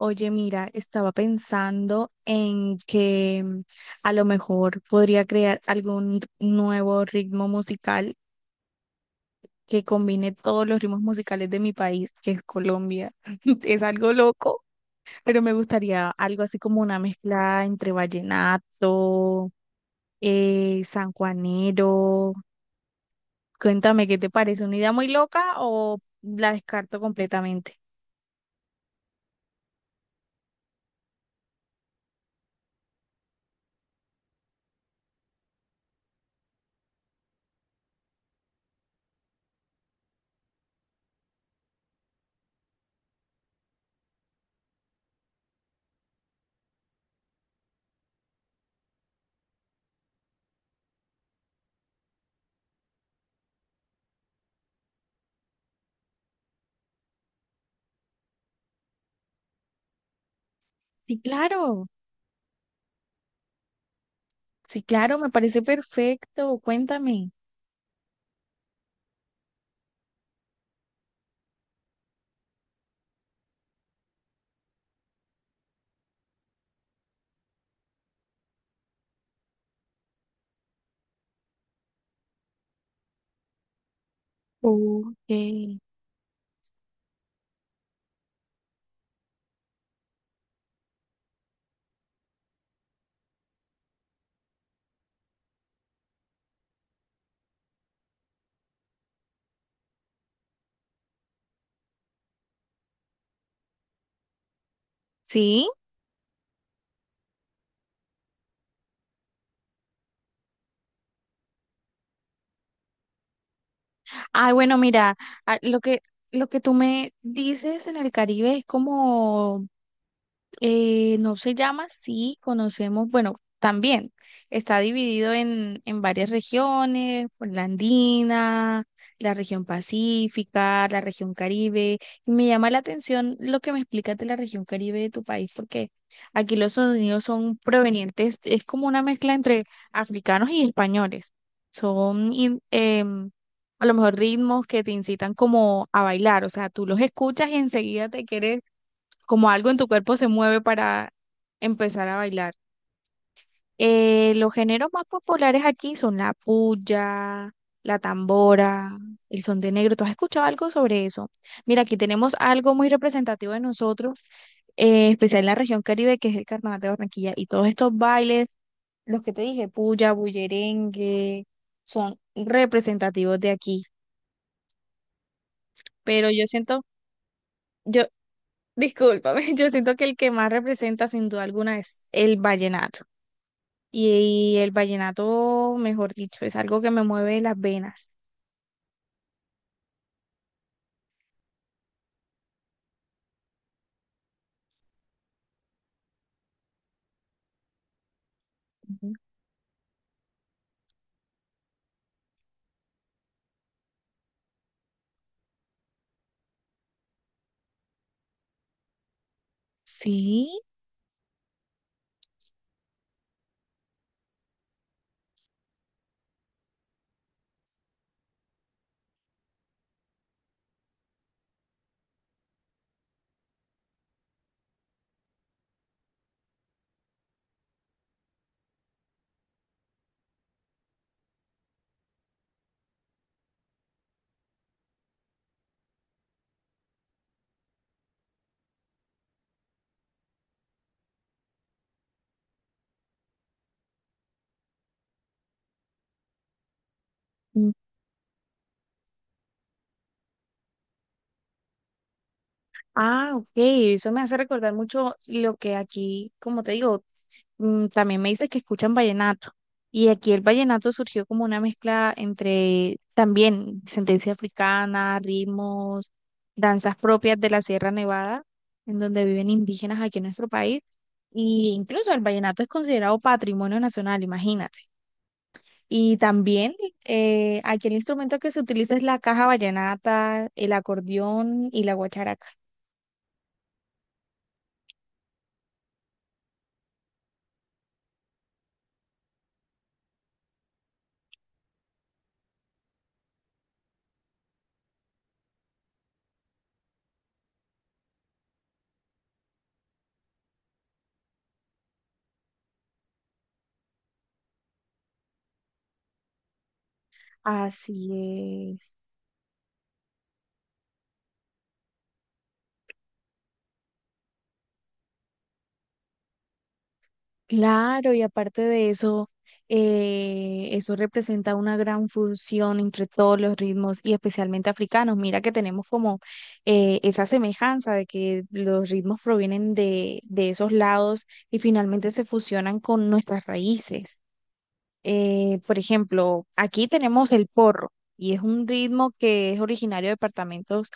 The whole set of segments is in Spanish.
Oye, mira, estaba pensando en que a lo mejor podría crear algún nuevo ritmo musical que combine todos los ritmos musicales de mi país, que es Colombia. Es algo loco, pero me gustaría algo así como una mezcla entre vallenato, sanjuanero. Cuéntame, ¿qué te parece? ¿Una idea muy loca o la descarto completamente? Sí, claro, sí, claro, me parece perfecto. Cuéntame. Okay. Sí. Ay, bueno, mira, ah, lo que, lo que tú me dices en el Caribe es como. No se llama, sí conocemos, bueno, también está dividido en varias regiones, por la andina, la región pacífica, la región Caribe, y me llama la atención lo que me explicas de la región Caribe de tu país, porque aquí los sonidos son provenientes, es como una mezcla entre africanos y españoles, son a lo mejor ritmos que te incitan como a bailar, o sea, tú los escuchas y enseguida te quieres, como algo en tu cuerpo se mueve para empezar a bailar. Los géneros más populares aquí son la puya, la tambora, el son de negro. ¿Tú has escuchado algo sobre eso? Mira, aquí tenemos algo muy representativo de nosotros, especial en la región Caribe, que es el Carnaval de Barranquilla. Y todos estos bailes, los que te dije, puya, bullerengue, son representativos de aquí. Pero yo siento, yo, discúlpame, yo siento que el que más representa sin duda alguna es el vallenato. Y el vallenato, mejor dicho, es algo que me mueve las venas. Ujú. Sí. Mm. Ah, ok, eso me hace recordar mucho lo que aquí, como te digo, mm, también me dices que escuchan vallenato. Y aquí el vallenato surgió como una mezcla entre también sentencia africana, ritmos, danzas propias de la Sierra Nevada, en donde viven indígenas aquí en nuestro país. Y incluso el vallenato es considerado patrimonio nacional, imagínate. Y también aquí el instrumento que se utiliza es la caja vallenata, el acordeón y la guacharaca. Así es. Claro, y aparte de eso, eso representa una gran fusión entre todos los ritmos y especialmente africanos. Mira que tenemos como esa semejanza de que los ritmos provienen de esos lados y finalmente se fusionan con nuestras raíces. Por ejemplo, aquí tenemos el porro y es un ritmo que es originario de departamentos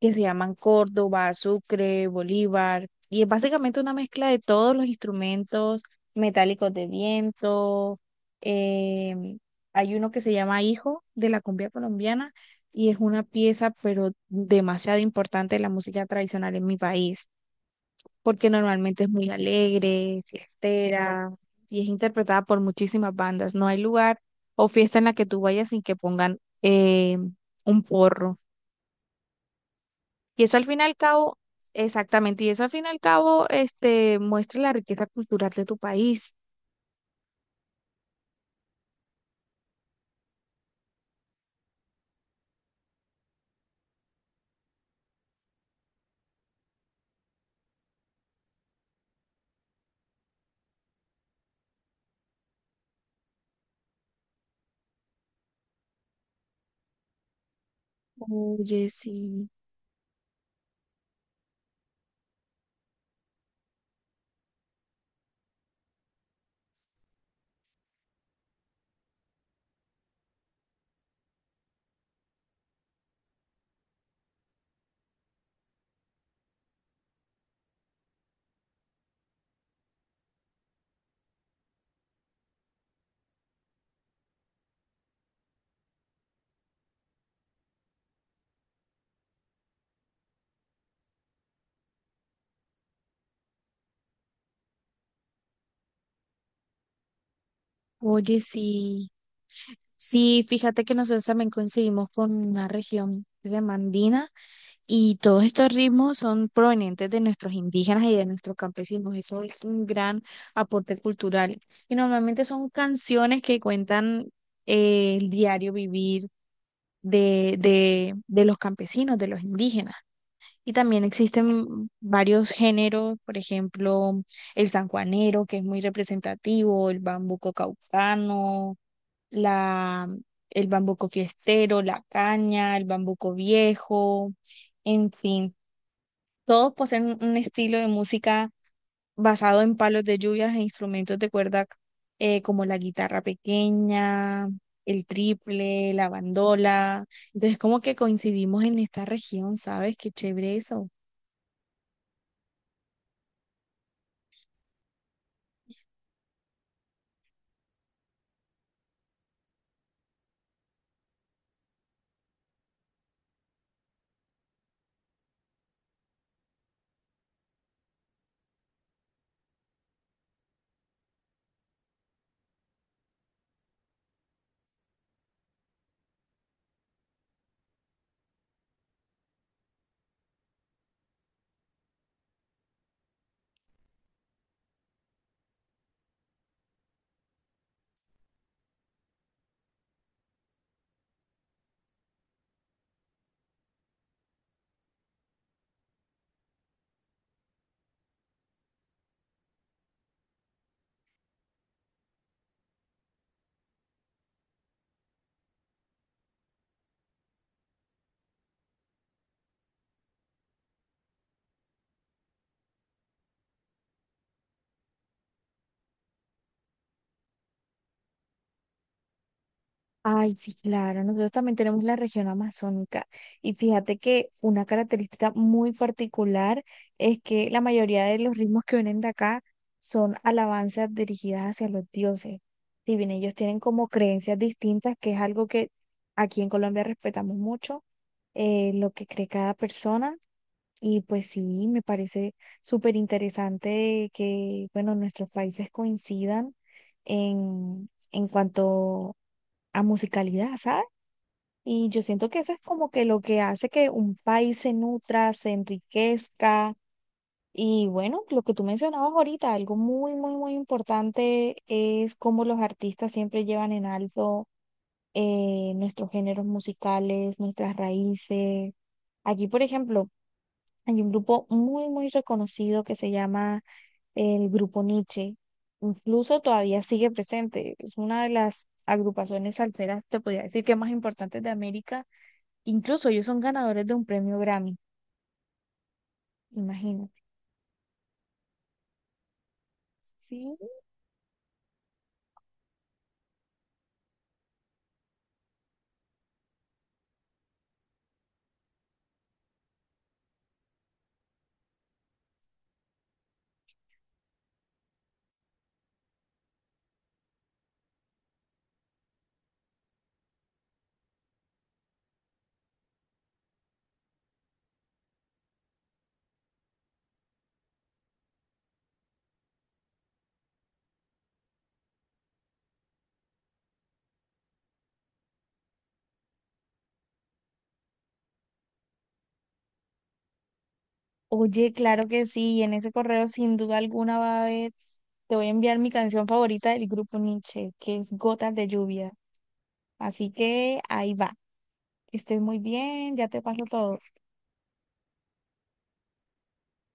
que se llaman Córdoba, Sucre, Bolívar y es básicamente una mezcla de todos los instrumentos metálicos de viento. em, Hay uno que se llama Hijo de la cumbia colombiana y es una pieza pero demasiado importante de la música tradicional en mi país porque normalmente es muy alegre, fiestera y es interpretada por muchísimas bandas. No hay lugar o fiesta en la que tú vayas sin que pongan un porro. Y eso al fin y al cabo, exactamente, y eso al fin y al cabo este, muestra la riqueza cultural de tu país. Oye, sí, oye, sí. Sí, fíjate que nosotros también coincidimos con una región de Mandina. Y todos estos ritmos son provenientes de nuestros indígenas y de nuestros campesinos. Eso es un gran aporte cultural. Y normalmente son canciones que cuentan el diario vivir de los campesinos, de los indígenas. Y también existen varios géneros, por ejemplo, el sanjuanero, que es muy representativo, el bambuco caucano, la, el bambuco fiestero, la caña, el bambuco viejo. En fin, todos poseen un estilo de música basado en palos de lluvias e instrumentos de cuerda, como la guitarra pequeña, el triple, la bandola. Entonces, como que coincidimos en esta región, ¿sabes? Qué chévere eso. Ay, sí, claro, nosotros también tenemos la región amazónica y fíjate que una característica muy particular es que la mayoría de los ritmos que vienen de acá son alabanzas dirigidas hacia los dioses. Si bien ellos tienen como creencias distintas, que es algo que aquí en Colombia respetamos mucho, lo que cree cada persona, y pues sí, me parece súper interesante que, bueno, nuestros países coincidan en cuanto a musicalidad, ¿sabes? Y yo siento que eso es como que lo que hace que un país se nutra, se enriquezca. Y bueno, lo que tú mencionabas ahorita, algo muy, muy, muy importante es cómo los artistas siempre llevan en alto nuestros géneros musicales, nuestras raíces. Aquí, por ejemplo, hay un grupo muy, muy reconocido que se llama el Grupo Nietzsche. Incluso todavía sigue presente. Es una de las agrupaciones salseras, te podría decir que más importantes de América. Incluso ellos son ganadores de un premio Grammy, imagínate. Sí. Oye, claro que sí, y en ese correo sin duda alguna va a haber, te voy a enviar mi canción favorita del grupo Nietzsche, que es Gotas de Lluvia. Así que ahí va. Que estés muy bien, ya te paso todo.